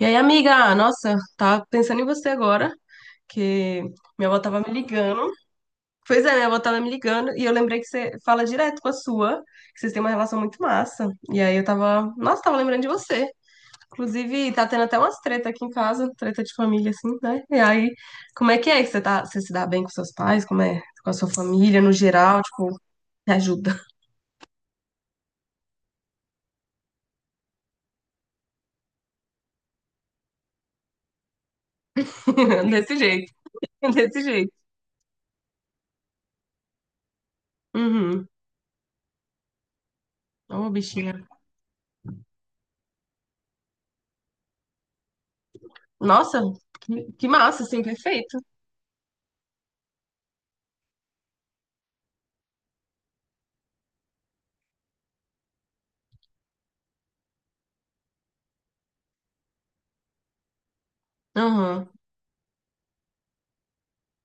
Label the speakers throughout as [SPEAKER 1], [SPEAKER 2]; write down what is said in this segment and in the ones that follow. [SPEAKER 1] E aí, amiga, nossa, tava pensando em você agora, que minha avó tava me ligando. Pois é, minha avó tava me ligando e eu lembrei que você fala direto com a sua, que vocês têm uma relação muito massa. E aí eu tava, nossa, tava lembrando de você. Inclusive, tá tendo até umas treta aqui em casa, treta de família, assim, né? E aí, como é que você tá, você se dá bem com seus pais? Como é com a sua família no geral? Tipo, me ajuda. Desse jeito, desse jeito. Uhum. Ô, bichinha. Nossa, que massa, assim, perfeito. Uhum.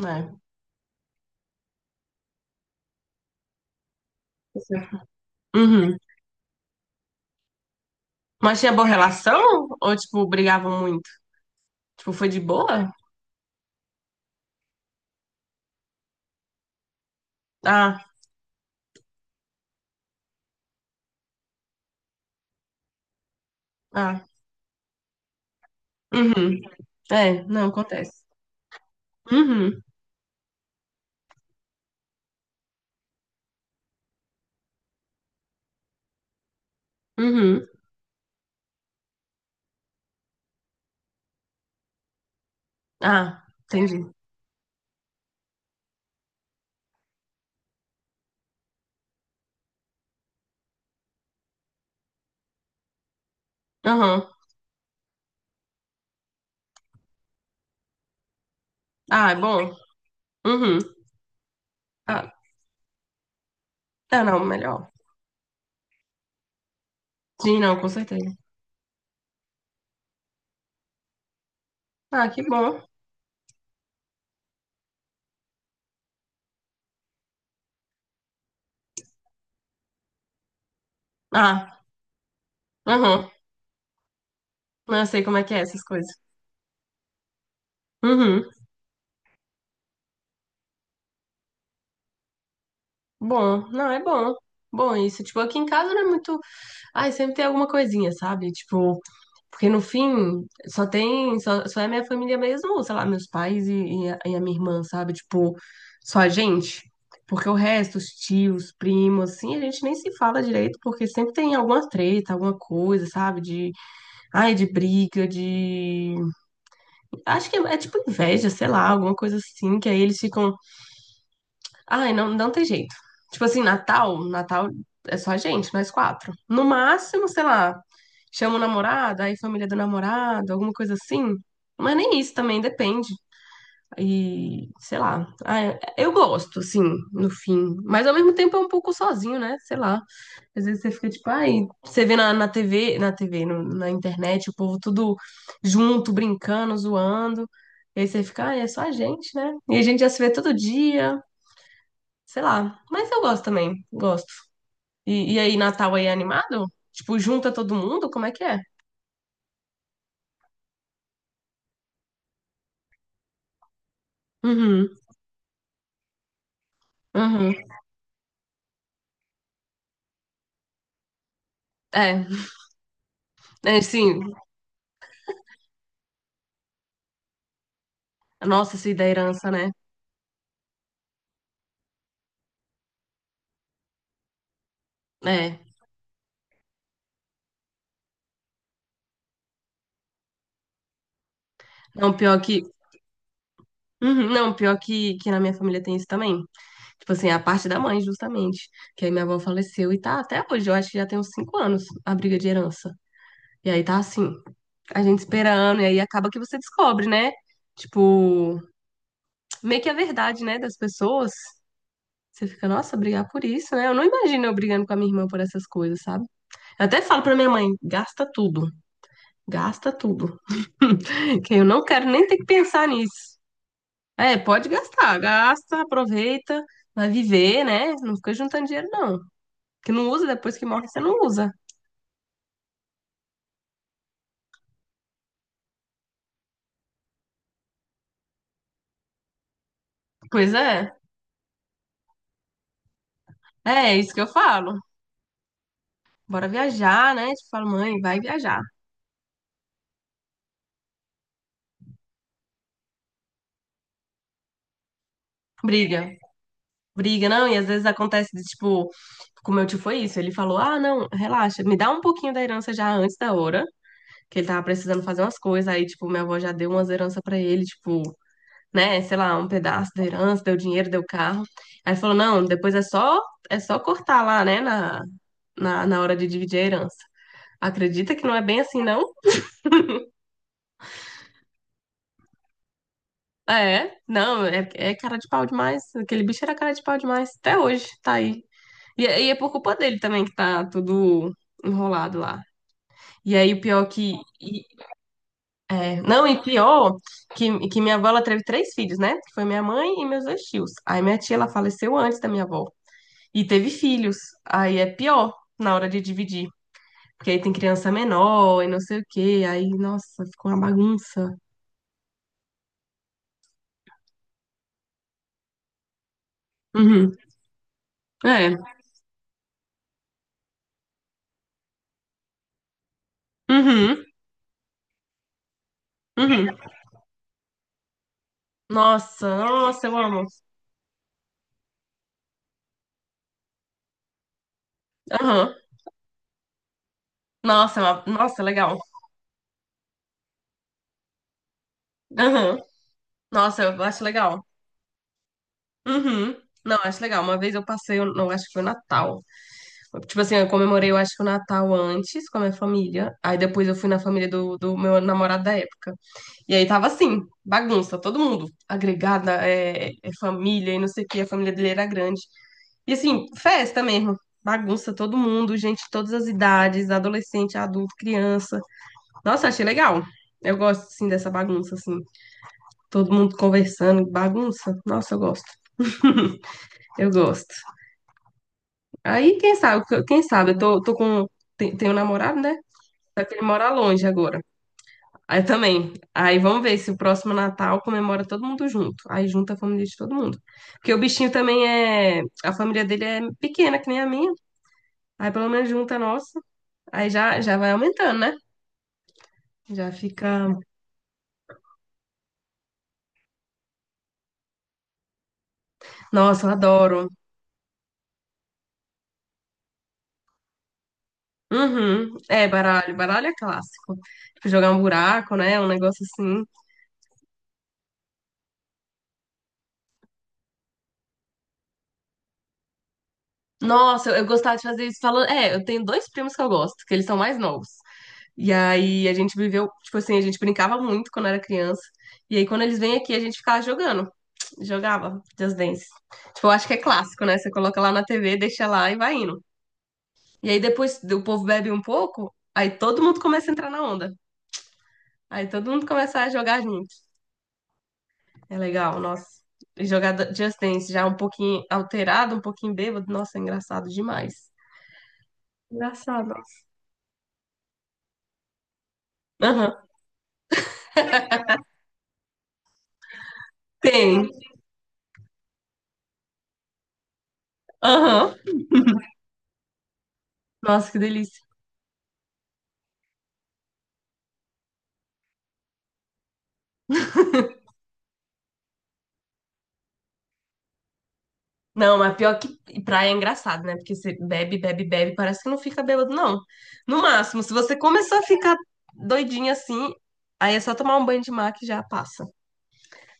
[SPEAKER 1] Né. Uhum. Mas tinha boa relação? Ou, tipo, brigavam muito? Tipo, foi de boa? Ah, ah. Uhum. É, não, acontece. Uhum. Uhum. Ah, entendi. Uhum. Ah, é bom. Uhum. Ah, é, não, melhor. Sim, não, com certeza. Ah, que bom. Ah, uhum. Não, eu sei como é que é essas coisas. Uhum. Bom, não, é bom. Bom, isso, tipo, aqui em casa não é muito. Ai, sempre tem alguma coisinha, sabe? Tipo, porque no fim, só é minha família mesmo, sei lá, meus pais e a minha irmã, sabe? Tipo, só a gente. Porque o resto, os tios, primos, assim, a gente nem se fala direito, porque sempre tem alguma treta, alguma coisa, sabe? De, ai, de briga, de... Acho que é tipo inveja, sei lá, alguma coisa assim, que aí eles ficam. Ai, não, não tem jeito. Tipo assim, Natal, Natal é só a gente, nós quatro. No máximo, sei lá, chama o namorado, aí família do namorado, alguma coisa assim. Mas nem isso também depende. E, sei lá. Ai, eu gosto, assim, no fim. Mas ao mesmo tempo é um pouco sozinho, né? Sei lá. Às vezes você fica tipo, ai, você vê na TV, na TV, na internet, o povo tudo junto, brincando, zoando. E aí você fica, ai, é só a gente, né? E a gente já se vê todo dia. Sei lá. Mas eu gosto também. Gosto. E aí, Natal aí é animado? Tipo, junta todo mundo? Como é que é? Uhum. Uhum. É. É, sim. Nossa, isso aí da herança, né? É. Não, pior que. Uhum, não, pior que na minha família tem isso também. Tipo assim, a parte da mãe, justamente. Que aí minha avó faleceu e tá até hoje. Eu acho que já tem uns 5 anos a briga de herança. E aí tá assim, a gente esperando. E aí acaba que você descobre, né? Tipo, meio que a verdade, né, das pessoas. Você fica, nossa, brigar por isso, né? Eu não imagino eu brigando com a minha irmã por essas coisas, sabe? Eu até falo pra minha mãe, gasta tudo, gasta tudo. Que eu não quero nem ter que pensar nisso. É, pode gastar, gasta, aproveita, vai viver, né? Não fica juntando dinheiro, não. Que não usa, depois que morre, você não usa. Pois é isso que eu falo. Bora viajar, né? Tipo, falo, mãe, vai viajar. Briga. Briga, não, e às vezes acontece de, tipo, com meu tio foi isso, ele falou, ah, não, relaxa, me dá um pouquinho da herança já antes da hora, que ele tava precisando fazer umas coisas, aí, tipo, minha avó já deu umas heranças pra ele, tipo, né, sei lá, um pedaço da herança, deu dinheiro, deu carro, aí falou, não, depois é só cortar lá, né, na hora de dividir a herança. Acredita que não é bem assim, não? É, não, é cara de pau demais, aquele bicho era cara de pau demais, até hoje, tá aí. E é por culpa dele também que tá tudo enrolado lá. E aí, o pior que. e- É, não, e pior que minha avó ela teve três filhos, né? Que foi minha mãe e meus dois tios. Aí minha tia ela faleceu antes da minha avó. E teve filhos. Aí é pior na hora de dividir. Porque aí tem criança menor e não sei o quê. Aí, nossa, ficou uma bagunça. Uhum. É. Uhum. Uhum. Nossa, nossa, eu amo. Aham. Nossa, é nossa, legal. Aham. Nossa, eu acho legal. Uhum. Não, acho legal. Uma vez eu passei, eu não acho que foi o Natal. Tipo assim, eu comemorei, eu acho que o Natal antes com a minha família. Aí depois eu fui na família do meu namorado da época. E aí tava assim, bagunça, todo mundo. Agregada, é família e não sei o que, a família dele era grande. E assim, festa mesmo. Bagunça, todo mundo, gente de todas as idades, adolescente, adulto, criança. Nossa, achei legal. Eu gosto, assim, dessa bagunça, assim. Todo mundo conversando, bagunça. Nossa, eu gosto. Eu gosto. Aí, quem sabe, eu tô com. Tenho um namorado, né? Só que ele mora longe agora. Aí também. Aí vamos ver se o próximo Natal comemora todo mundo junto. Aí junta a família de todo mundo. Porque o bichinho também é. A família dele é pequena, que nem a minha. Aí pelo menos junta a nossa. Aí já, já vai aumentando, né? Já fica. Nossa, eu adoro. Uhum. É, baralho. Baralho é clássico. Tipo, jogar um buraco, né? Um negócio assim. Nossa, eu gostava de fazer isso falando. É, eu tenho dois primos que eu gosto, que eles são mais novos. E aí a gente viveu, tipo assim, a gente brincava muito quando era criança. E aí quando eles vêm aqui, a gente ficava jogando, jogava Just Dance. Tipo, eu acho que é clássico, né? Você coloca lá na TV, deixa lá e vai indo. E aí depois o povo bebe um pouco, aí todo mundo começa a entrar na onda. Aí todo mundo começa a jogar junto. É legal, nossa. E jogar Just Dance já um pouquinho alterado, um pouquinho bêbado, nossa, é engraçado demais. Engraçado. Aham, tem. Aham. Nossa, que delícia. Não, mas pior que praia é engraçado, né? Porque você bebe, bebe, bebe, parece que não fica bêbado, não. No máximo, se você começar a ficar doidinha assim, aí é só tomar um banho de mar que já passa.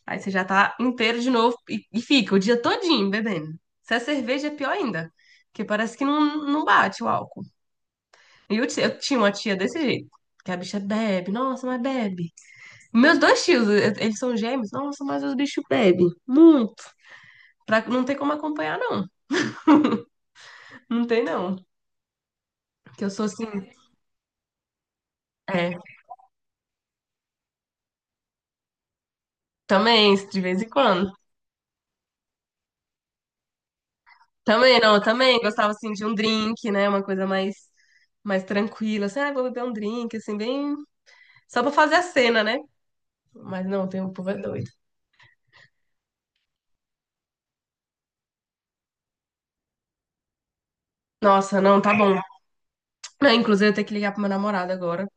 [SPEAKER 1] Aí você já tá inteiro de novo e fica o dia todinho bebendo. Se é cerveja, é pior ainda. Porque parece que não, não bate o álcool. E eu tinha uma tia desse jeito. Que a bicha bebe, nossa, mas bebe. Meus dois tios, eles são gêmeos, nossa, mas os bichos bebem muito. Pra, não tem como acompanhar, não. Não tem, não. Que eu sou assim. É, também, de vez em quando. Também, não, eu também gostava, assim, de um drink, né? Uma coisa mais tranquila, assim, ah, vou beber um drink, assim, bem... Só pra fazer a cena, né? Mas não, tem o povo é doido. Nossa, não, tá bom. Não, inclusive, eu tenho que ligar pro meu namorado agora.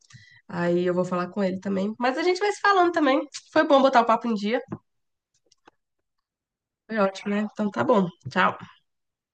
[SPEAKER 1] Aí eu vou falar com ele também. Mas a gente vai se falando também. Foi bom botar o papo em dia. Foi ótimo, né? Então tá bom. Tchau.